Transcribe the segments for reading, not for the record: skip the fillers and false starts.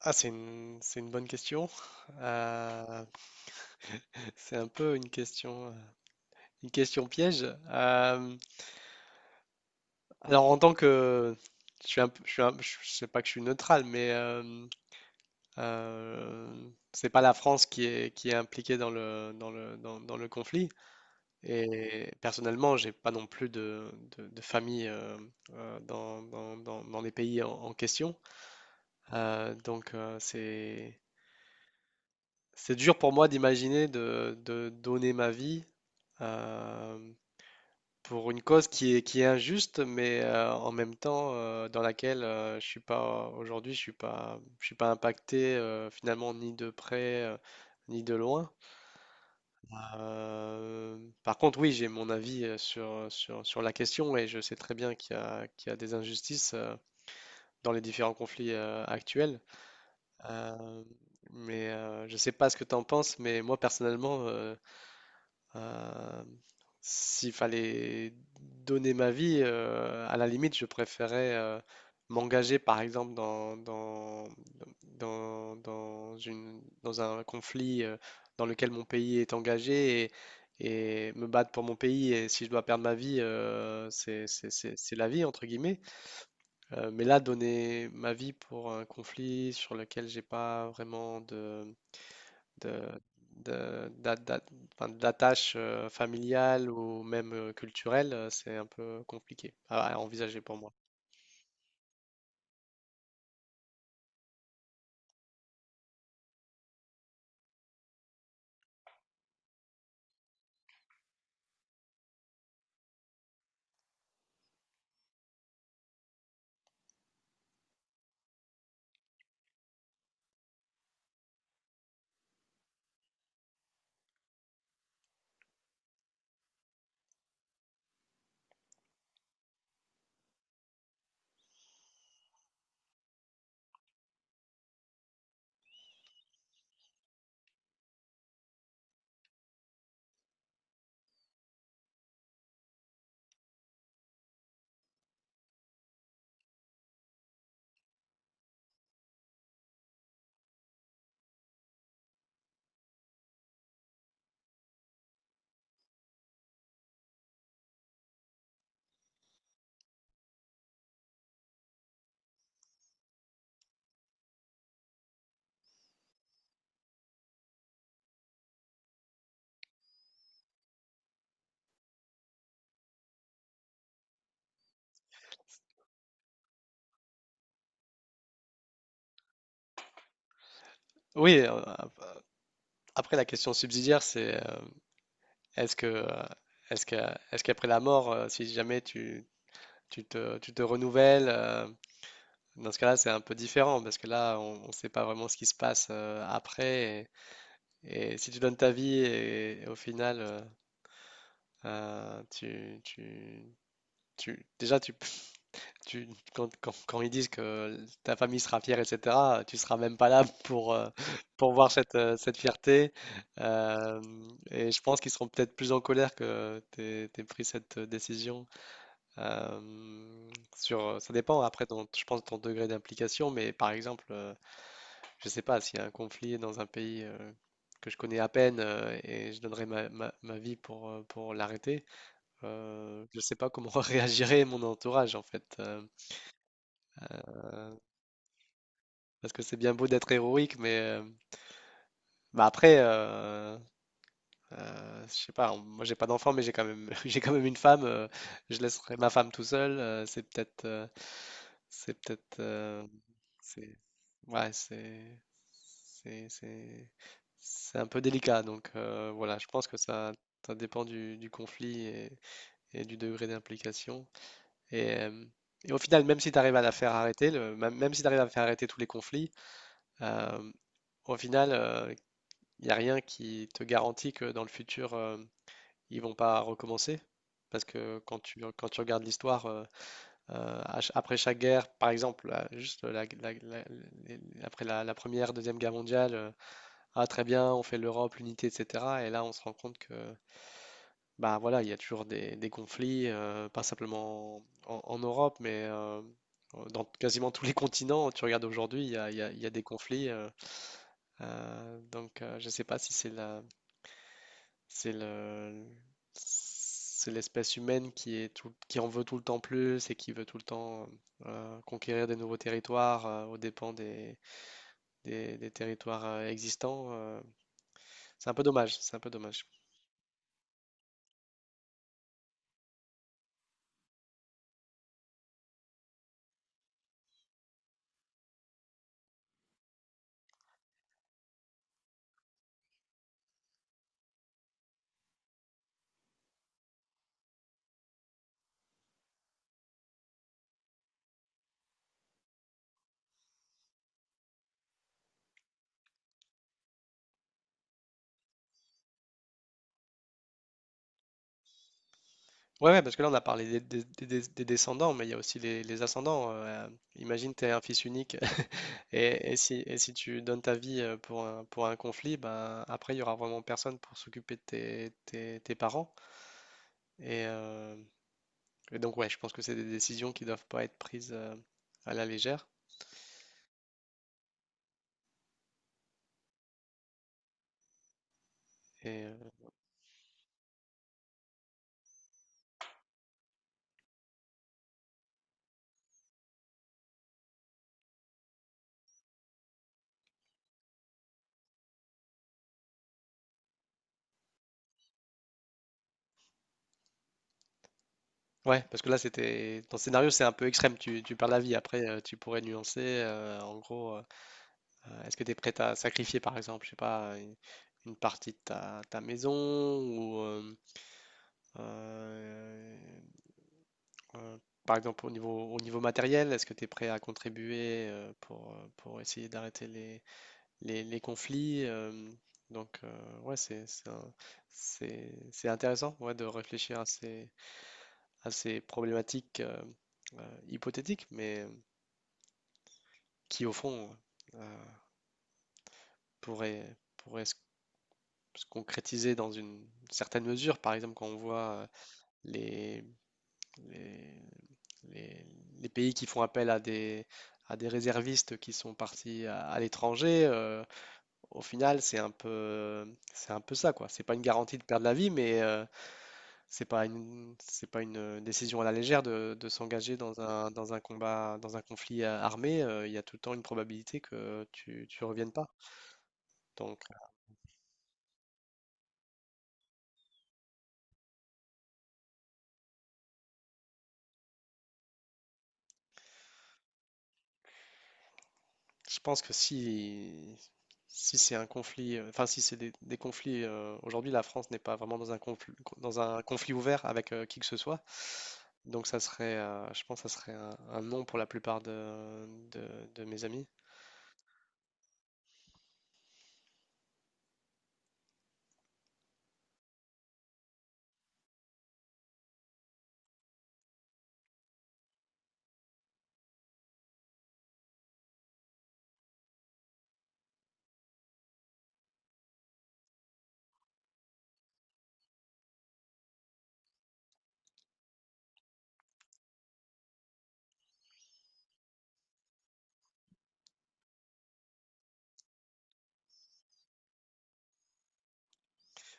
Ah, c'est une bonne question. Euh, c'est un peu une question piège. Euh, alors, en tant que, je suis un, je sais pas que je suis neutral, mais euh, c'est pas la France qui est impliquée dans le, dans le, dans, dans le conflit. Et personnellement, j'ai pas non plus de famille dans, dans, dans, dans les pays en, en question. Donc, c'est dur pour moi d'imaginer de donner ma vie euh, pour une cause qui est injuste, mais en même temps dans laquelle je suis pas aujourd'hui, je suis pas impacté finalement ni de près ni de loin. Euh, par contre, oui, j'ai mon avis sur, sur, sur la question et je sais très bien qu'il y a des injustices dans les différents conflits actuels. Euh, mais je sais pas ce que tu en penses, mais moi personnellement, Euh, s'il fallait donner ma vie, à la limite, je préférais m'engager, par exemple, dans, dans, dans, dans une, dans un conflit dans lequel mon pays est engagé et me battre pour mon pays. Et si je dois perdre ma vie, c'est, c'est la vie, entre guillemets. Mais là, donner ma vie pour un conflit sur lequel j'ai pas vraiment de, de- d'a- d'a- enfin, d'attache familiale ou même culturelle, c'est un peu compliqué à envisager pour moi. Oui, après la question subsidiaire, c'est est-ce que est-ce que est-ce qu'après la mort, si jamais tu, tu te renouvelles, dans ce cas-là, c'est un peu différent parce que là, on ne sait pas vraiment ce qui se passe après. Et si tu donnes ta vie et au final, tu, tu, déjà tu tu, quand, quand ils disent que ta famille sera fière, etc., tu seras même pas là pour, pour voir cette, cette fierté. Euh, et je pense qu'ils seront peut-être plus en colère que tu aies pris cette décision. Euh, sur, ça dépend après, je pense, de ton degré d'implication, mais par exemple, je sais pas, s'il y a un conflit dans un pays que je connais à peine et je donnerais ma, ma vie pour l'arrêter, je sais pas comment réagirait mon entourage en fait. Parce que c'est bien beau d'être héroïque, mais bah après, je sais pas, moi j'ai pas d'enfant, mais j'ai quand même, j'ai quand même une femme. Je laisserai ma femme tout seul. C'est peut-être, c'est peut-être, c'est, ouais, c'est, c'est, c'est un peu délicat. Donc voilà, je pense que ça dépend du conflit et du degré d'implication. Et, euh, et au final, même si tu arrives à la faire arrêter, le, même, même si tu arrives à faire arrêter tous les conflits, euh, au final, il n'y a rien qui te garantit que dans le futur, ils vont pas recommencer. Parce que quand tu regardes l'histoire, à après chaque guerre, par exemple, là, juste après la, la première, deuxième guerre mondiale, ah très bien, on fait l'Europe, l'unité, etc. Et là, on se rend compte que bah voilà, il y a toujours des conflits, pas simplement en, en Europe, mais dans quasiment tous les continents. Tu regardes aujourd'hui, il y a, il y a des conflits. Donc, je ne sais pas si c'est la, c'est le, c'est l'espèce humaine qui est qui en veut tout le temps plus et qui veut tout le temps conquérir des nouveaux territoires aux dépens des, des territoires existants. C'est un peu dommage. C'est un peu dommage. Ouais, ouais, parce que là, on a parlé des, des descendants, mais il y a aussi les ascendants. Imagine, tu es un fils unique et si tu donnes ta vie pour un conflit, ben, après, il y aura vraiment personne pour s'occuper de tes, tes parents. Et, euh, et donc, ouais, je pense que c'est des décisions qui doivent pas être prises à la légère. Et ouais, parce que là, c'était ton scénario, c'est un peu extrême. Tu perds la vie. Après, tu pourrais nuancer. En gros, est-ce que tu es prête à sacrifier, par exemple, je sais pas, une partie de ta, ta maison ou euh, euh, par exemple au niveau matériel, est-ce que tu es prêt à contribuer pour essayer d'arrêter les conflits. Donc, ouais, c'est, c'est intéressant ouais, de réfléchir à ces problématiques hypothétiques, mais qui, au fond, euh, pourraient, pourraient se, se concrétiser dans une certaine mesure. Par exemple, quand on voit les, les, les, les pays qui font appel à des réservistes qui sont partis à l'étranger, au final, c'est un peu ça, quoi. C'est pas une garantie de perdre la vie, mais c'est pas une, c'est pas une décision à la légère de s'engager dans un combat, dans un conflit armé. Il y a tout le temps une probabilité que tu reviennes pas. Donc, je pense que si, si c'est un conflit, enfin, si c'est des conflits, aujourd'hui, la France n'est pas vraiment dans un conflit ouvert avec qui que ce soit. Donc, ça serait, je pense que ça serait un non pour la plupart de, de mes amis.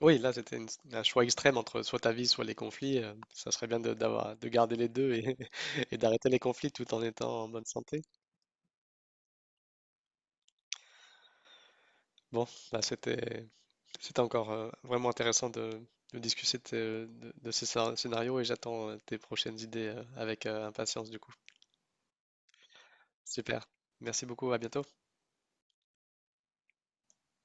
Oui, là, c'était un choix extrême entre soit ta vie, soit les conflits. Ça serait bien de, d'avoir, de garder les deux et, et d'arrêter les conflits tout en étant en bonne santé. Bon, là, c'était, c'était encore vraiment intéressant de discuter de, de ces scénarios et j'attends tes prochaines idées avec impatience, du coup. Super. Merci beaucoup, à bientôt.